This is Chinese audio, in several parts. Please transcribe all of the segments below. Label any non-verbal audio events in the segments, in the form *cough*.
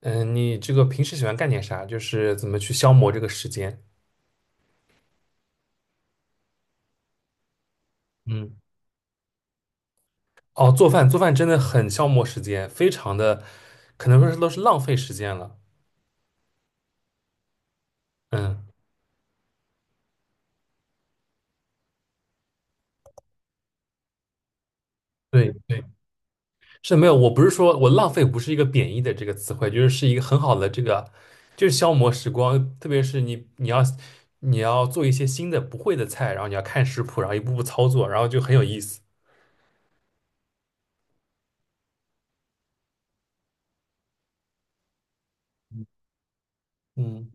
嗯，你这个平时喜欢干点啥？就是怎么去消磨这个时间？嗯，哦，做饭，做饭真的很消磨时间，非常的，可能说是都是浪费时间了。嗯，对对，是没有，我不是说我浪费，不是一个贬义的这个词汇，就是一个很好的这个，就是消磨时光。特别是你要做一些新的不会的菜，然后你要看食谱，然后一步步操作，然后就很有意思。嗯，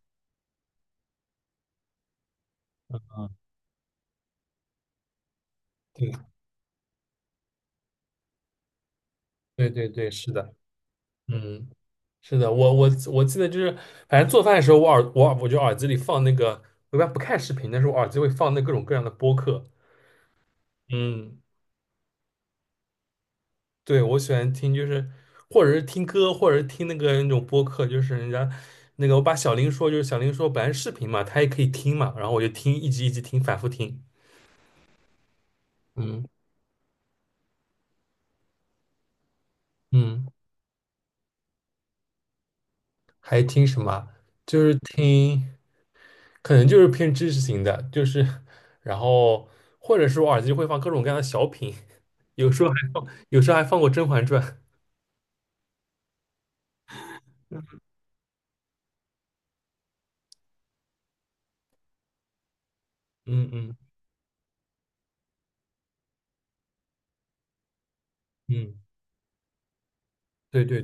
对对对对，是的，嗯。是的，我记得就是，反正做饭的时候，我就耳机里放那个，我一般不看视频，但是我耳机会放那各种各样的播客。嗯，对，我喜欢听就是，或者是听歌，或者是听那个那种播客，就是人家那个我把小林说，就是小林说本来是视频嘛，他也可以听嘛，然后我就听，一集一集听，反复听。嗯嗯。还听什么啊就是听，可能就是偏知识型的，就是，然后或者是我耳机会放各种各样的小品，*laughs* 有时候还放，有时候还放过《甄嬛传》。嗯嗯嗯，对对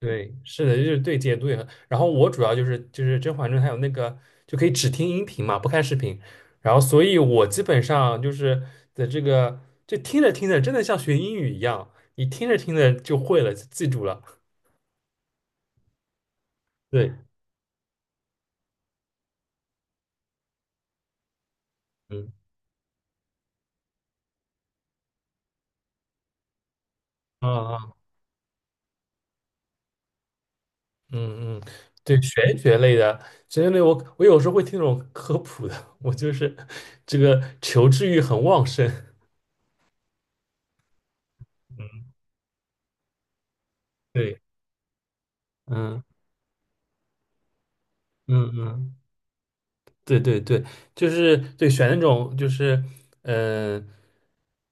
对，是的，就是对解读也很。然后我主要就是《甄嬛传》，还有那个就可以只听音频嘛，不看视频。然后，所以我基本上就是的这个，就听着听着，真的像学英语一样，你听着听着就会了，就记住了。对，嗯，啊啊。嗯嗯，对，玄学类的，玄学类我有时候会听那种科普的，我就是这个求知欲很旺盛。嗯，对，嗯嗯嗯，对对对，就是对选那种就是嗯、呃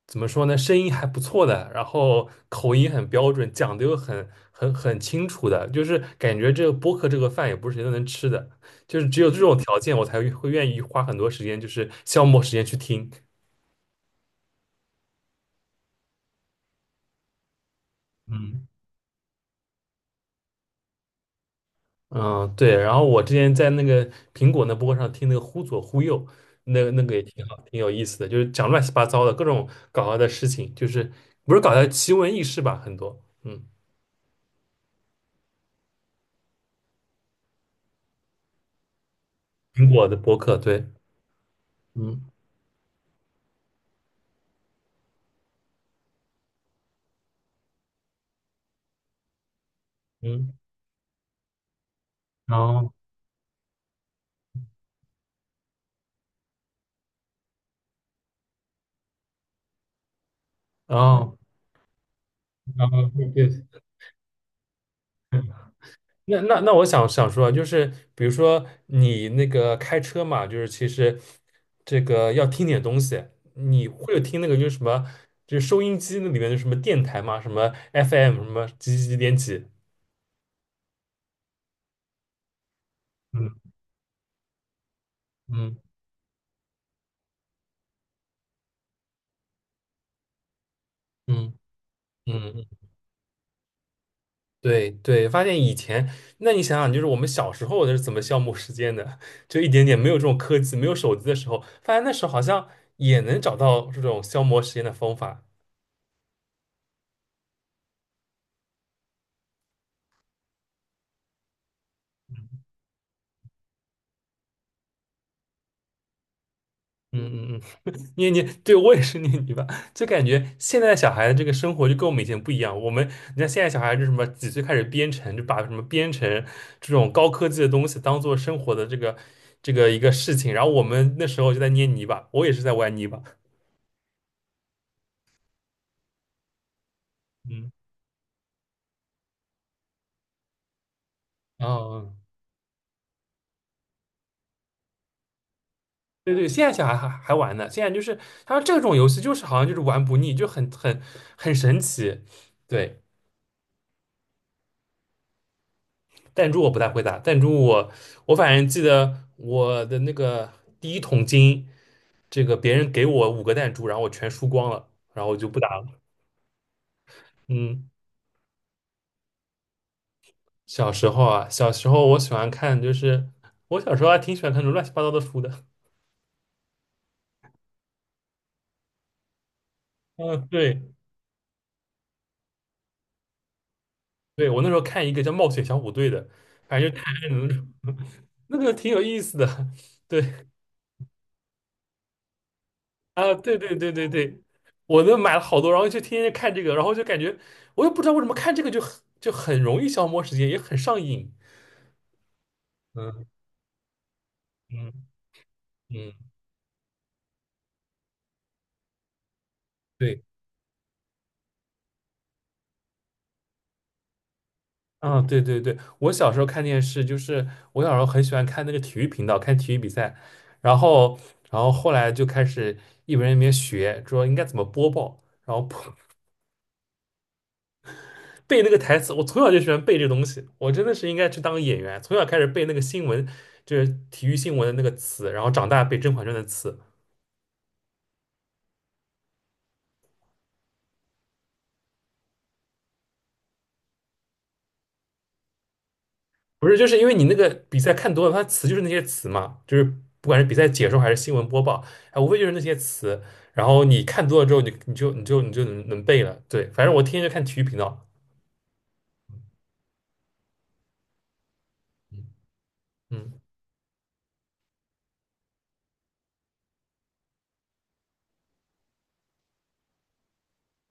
怎么说呢，声音还不错的，然后口音很标准，讲的又很清楚的，就是感觉这个播客这个饭也不是谁都能吃的，就是只有这种条件我才会愿意花很多时间，就是消磨时间去听。嗯嗯，对。然后我之前在那个苹果那播客上听那个《忽左忽右》，那个也挺好，挺有意思的，就是讲乱七八糟的各种搞笑的事情，就是不是搞笑奇闻异事吧，很多。嗯，苹果的播客，对，嗯嗯，然后然后然后对。那我想想说啊，就是比如说你那个开车嘛，就是其实这个要听点东西，你会有听那个就是什么，就是收音机那里面的什么电台嘛，什么 FM 什么几几几点几，嗯嗯嗯嗯，嗯对对，发现以前，那你想想，就是我们小时候是怎么消磨时间的，就一点点没有这种科技，没有手机的时候，发现那时候好像也能找到这种消磨时间的方法。嗯嗯嗯，*laughs* 捏捏，对我也是捏泥巴，就感觉现在小孩的这个生活就跟我们以前不一样。我们，你看现在小孩就什么几岁开始编程，就把什么编程这种高科技的东西当做生活的这个这个一个事情，然后我们那时候就在捏泥巴，我也是在玩泥巴。嗯，哦，对对，现在小孩还玩呢，现在就是他说这种游戏就是好像就是玩不腻，就很神奇。对，弹珠我不太会打，弹珠我反正记得我的那个第一桶金，这个别人给我五个弹珠，然后我全输光了，然后我就不打了。嗯，小时候啊，小时候我喜欢看，就是我小时候还挺喜欢看那种乱七八糟的书的。嗯，对，对，我那时候看一个叫《冒险小虎队》的，反正就看那种 *laughs* 那个挺有意思的。*laughs* 对。啊，对对对对对，我都买了好多，然后就天天看这个，然后就感觉我也不知道为什么看这个就很就很容易消磨时间，也很上瘾。嗯嗯嗯，对，啊对对对，我小时候看电视，就是我小时候很喜欢看那个体育频道，看体育比赛，然后然后后来就开始一边一边学，主要应该怎么播报，然后背那个台词，我从小就喜欢背这东西。我真的是应该去当个演员，从小开始背那个新闻，就是体育新闻的那个词，然后长大背《甄嬛传》的词。不是，就是因为你那个比赛看多了，它词就是那些词嘛，就是不管是比赛解说还是新闻播报，哎，无非就是那些词。然后你看多了之后，你就能背了。对，反正我天天就看体育频道。嗯，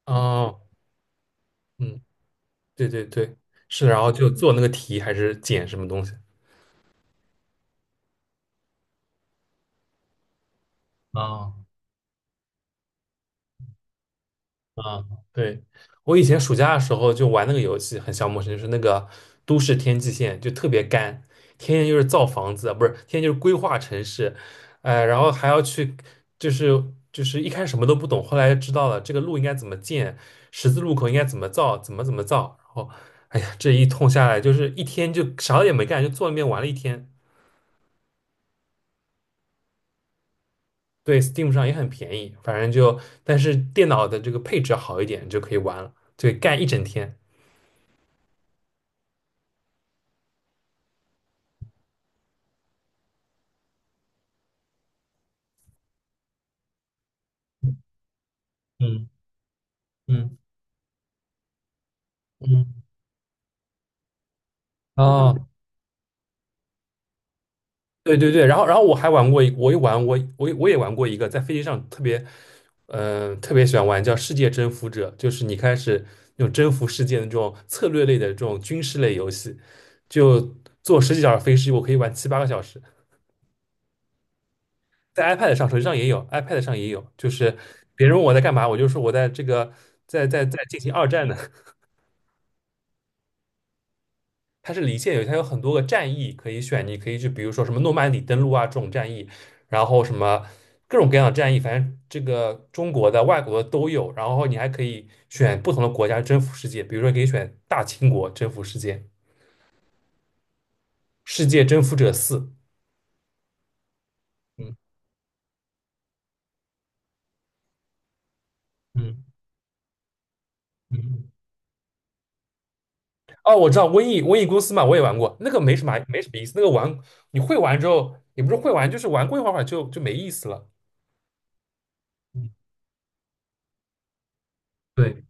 哦，嗯，对对对，是，然后就做那个题还是剪什么东西。啊、啊，对，我以前暑假的时候就玩那个游戏，很消磨时间，就是那个都市天际线，就特别干，天天就是造房子，不是，天天就是规划城市，然后还要去，就是就是一开始什么都不懂，后来知道了这个路应该怎么建，十字路口应该怎么造，怎么造，然后，哎呀，这一通下来就是一天就啥也没干，就坐那边玩了一天。对，Steam 上也很便宜，反正就，但是电脑的这个配置好一点就可以玩了，对，干一整天。嗯嗯。嗯，啊，对对对，然后我还玩过一，我也玩我我也我也玩过一个，在飞机上特别，特别喜欢玩叫《世界征服者》，就是你开始那种征服世界的这种策略类的这种军事类游戏，就坐十几小时飞机，我可以玩七八个小时，在 iPad 上、手机上也有，iPad 上也有，就是别人问我在干嘛，我就说我在这个在进行二战呢，它是离线游戏，它有很多个战役可以选，你可以去，比如说什么诺曼底登陆啊这种战役，然后什么各种各样的战役，反正这个中国的、外国的都有。然后你还可以选不同的国家征服世界，比如说可以选大清国征服世界，世界征服者四。嗯嗯嗯，哦，我知道瘟疫公司嘛，我也玩过，那个没什么意思，那个玩你会玩之后，也不是会玩，就是玩过一会儿就没意思了。嗯，对，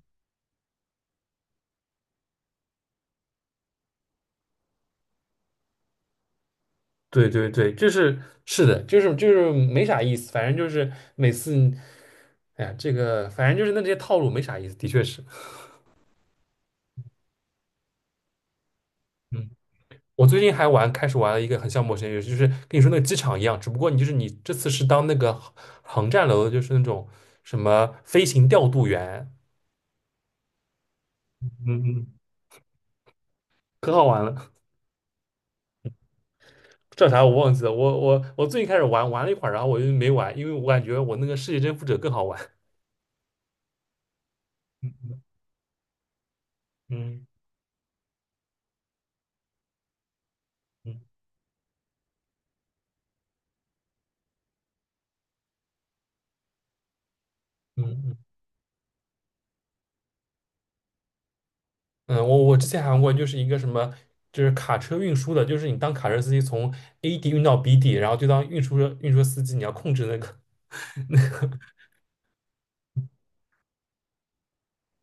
对对对，就是是的，就是没啥意思，反正就是每次，哎呀，这个反正就是那这些套路没啥意思，的确是。嗯，我最近还玩，开始玩了一个很像陌生游戏，就是跟你说那个机场一样，只不过你就是你这次是当那个航站楼的就是那种什么飞行调度员，嗯嗯，可好玩了，*laughs* 叫啥我忘记了。我最近开始玩，玩了一会儿，然后我就没玩，因为我感觉我那个世界征服者更好玩。嗯嗯嗯嗯。嗯，我之前还玩过，就是一个什么，就是卡车运输的，就是你当卡车司机从 A 地运到 B 地，然后就当运输车运输司机，你要控制那个。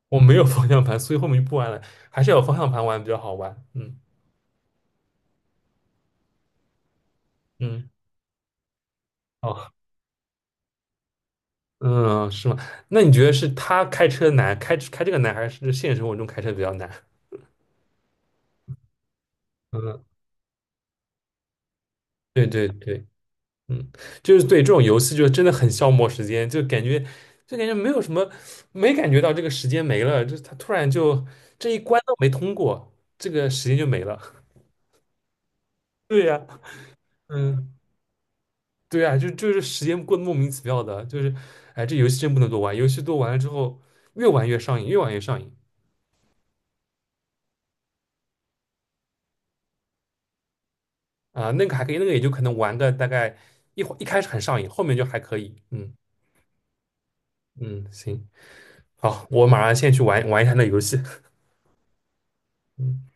我没有方向盘，所以后面就不玩了，还是有方向盘玩比较好玩。嗯嗯，哦，嗯，是吗？那你觉得是他开车难，开这个难，还是现实生活中开车比较难？嗯，对对对。嗯，就是对这种游戏就真的很消磨时间，就感觉没有什么，没感觉到这个时间没了，就是他突然就这一关都没通过，这个时间就没了。*laughs* 对呀，嗯，对呀，就是时间过得莫名其妙的，就是哎，这游戏真不能多玩，游戏多玩了之后越玩越上瘾，越玩越上瘾啊、那个还可以，那个也就可能玩的大概一会一开始很上瘾，后面就还可以。嗯嗯，行，好，我马上先去玩玩一下那游戏。*laughs* 嗯。